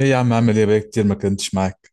ايه يا عم، عامل ايه؟ بقالي كتير ما كنتش معاك.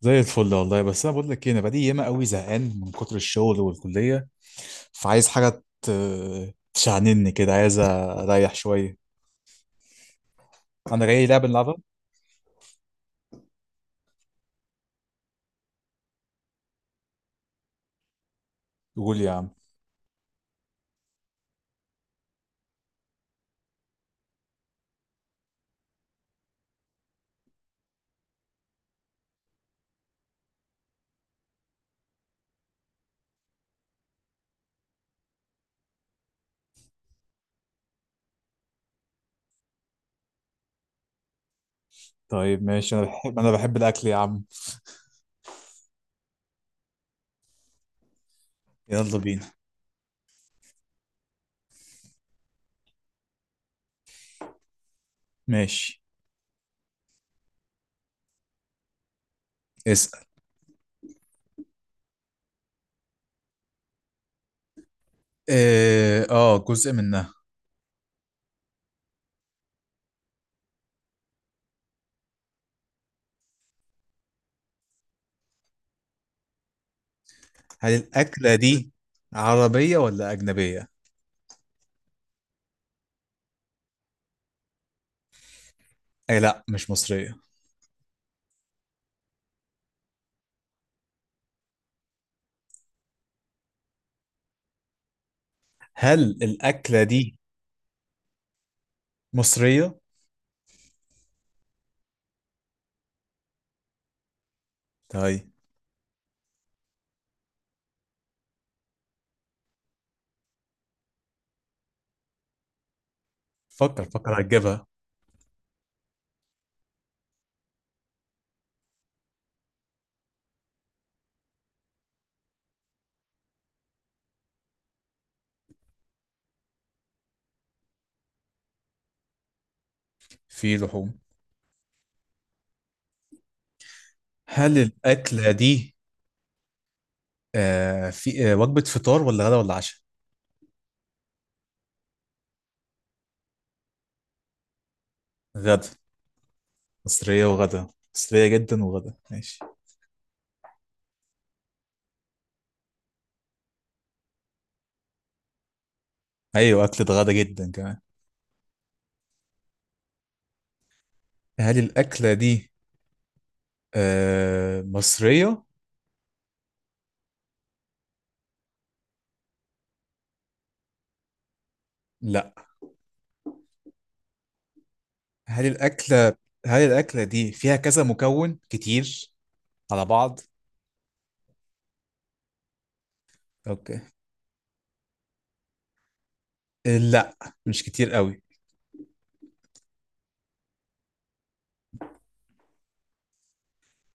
زي الفل والله. بس انا بقول لك ايه، انا بقالي ياما قوي زهقان من كتر الشغل والكليه، فعايز حاجه تشعنني كده، عايز اريح شويه. انا جاي لعبه نلعبها. قول يا عم. طيب ماشي، انا بحب الاكل يا عم. يلا بينا. ماشي. اسال. إيه، اه جزء منها. هل الاكله دي عربيه ولا اجنبيه؟ اي لا، مش مصريه. هل الاكله دي مصريه؟ طيب. فكر فكر هتجيبها. في لحوم. هل الأكلة دي في وجبة فطار ولا غدا ولا عشاء؟ غدا. مصرية وغدا. مصرية جدا وغدا، ماشي. أيوة، أكلة غدا جدا كمان. هل الأكلة دي مصرية؟ لا. هل الأكلة هل الأكلة دي فيها كذا مكون كتير على بعض؟ أوكي. لا مش كتير قوي.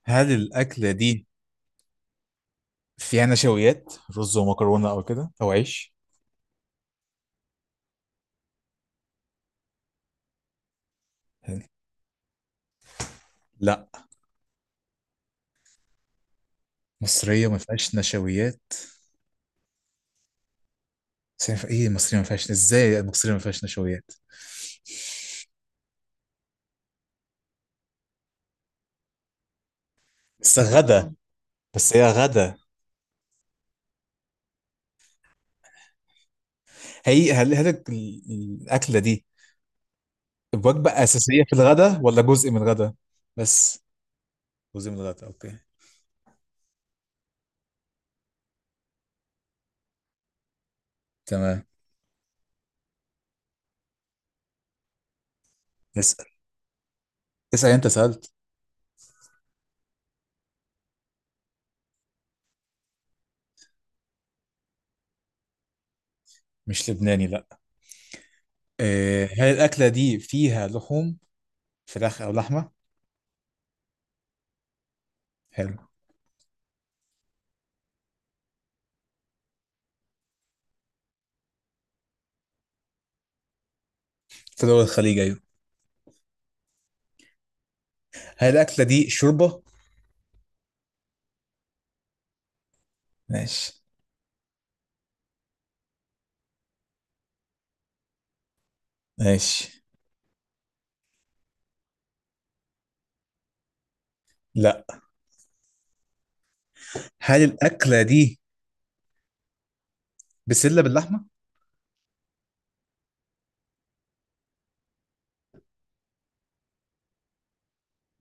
هل الأكلة دي فيها نشويات رز ومكرونة أو كده أو عيش؟ لا، مصرية ما فيهاش نشويات. بس ايه المصرية ما فيهاش، ازاي المصرية ما فيهاش نشويات؟ بس غدا. بس هي غدا. هي هل هل الأكلة دي وجبة أساسية في الغدا ولا جزء من الغدا؟ بس جزء من الغداء، اوكي. تمام. اسأل. اسأل انت سألت. مش لبناني، لا. إيه، هل الأكلة دي فيها لحوم، فراخ أو لحمة؟ حلو. في دول الخليج، أيوة. هل الأكلة دي شوربة؟ ماشي. ماشي، لا. هل الأكلة دي بسلة باللحمة؟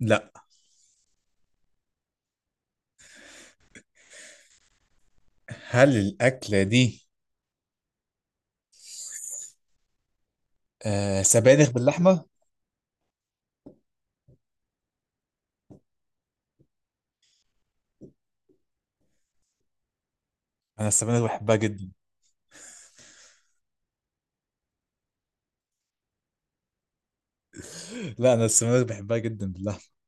لا. هل الأكلة دي سبانخ باللحمه. انا السبانخ بحبها جدا. لا، انا السبانخ بحبها جدا باللحمه.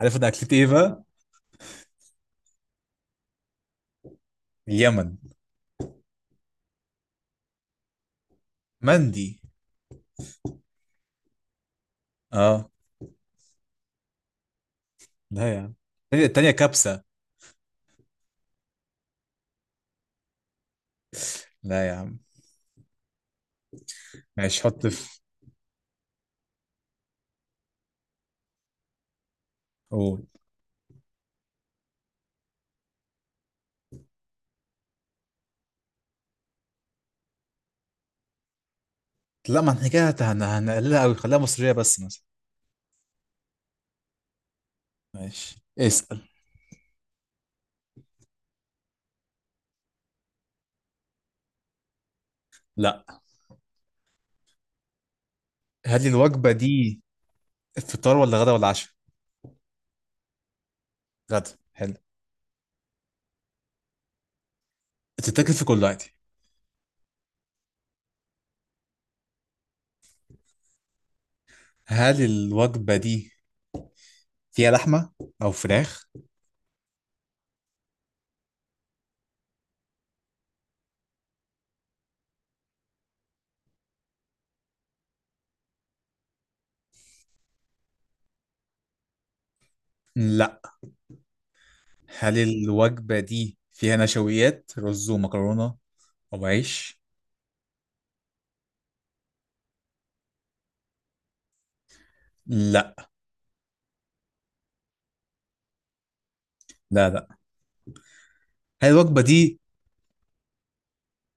عارف انا اكلتي ايه بقى؟ اليمن. مندي. اه. لا يا عم. التانية التانية كبسه. لا يا عم. ماشي، حط في. قول. لا، ما احنا كده هنقللها قوي، خليها مصريه بس مثلا. ماشي. اسال. لا. هل الوجبه دي فطار ولا غدا ولا عشاء؟ غدا، حلو. تتاكل في كل وقت. هل الوجبه دي فيها لحمه او فراخ؟ لا. هل الوجبة دي فيها نشويات رز ومكرونة أو عيش؟ لا، لا، لا. هل الوجبة دي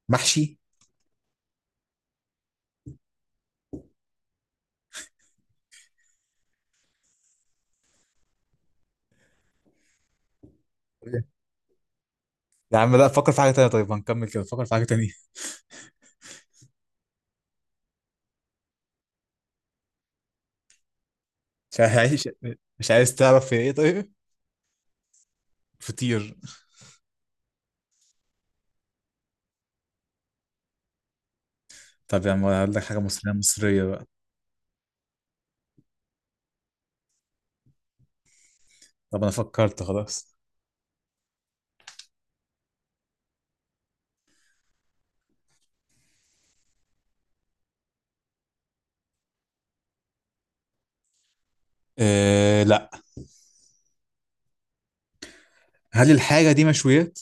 محشي؟ يا عم لا، فكر في حاجة تانية، طيب هنكمل كده، فكر في حاجة تانية. مش عايز. مش عايز تعرف في ايه طيب؟ فطير. طب يا عم هقول لك حاجة، مصرية مصرية بقى. طب أنا فكرت خلاص. أه لا. هل الحاجة دي مشويات؟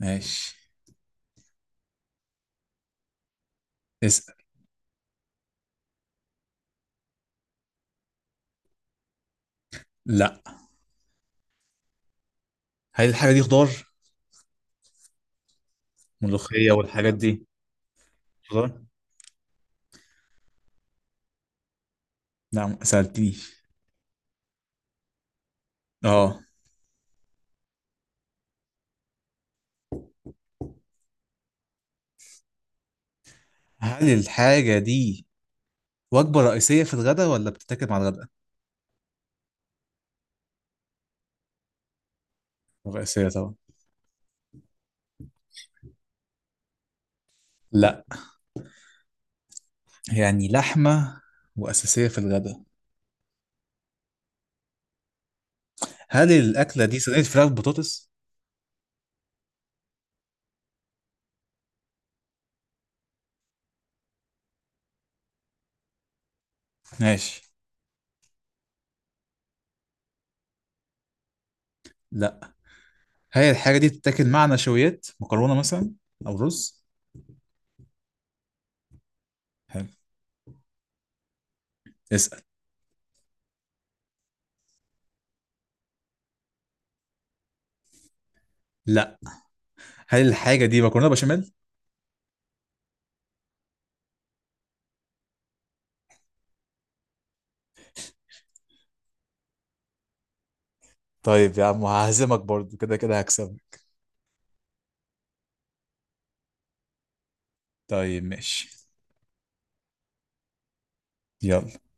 ماشي. اسأل. لا. هل الحاجة دي خضار؟ ملوخية والحاجات دي. خضار؟ لا، ما سألتنيش. اه. هل الحاجة دي وجبة رئيسية في الغداء ولا بتتاكل مع الغداء؟ رئيسية طبعا. لا يعني لحمة وأساسية في الغداء. هل الأكلة دي صينية فراخ بطاطس؟ ماشي. لا. هل الحاجة دي بتتاكل مع نشويات؟ مكرونة مثلا أو رز؟ حلو. اسأل. لا. هل الحاجة دي مكرونة بشاميل؟ طيب يا عم هعزمك برضو، كده كده هكسبك. طيب ماشي. يلا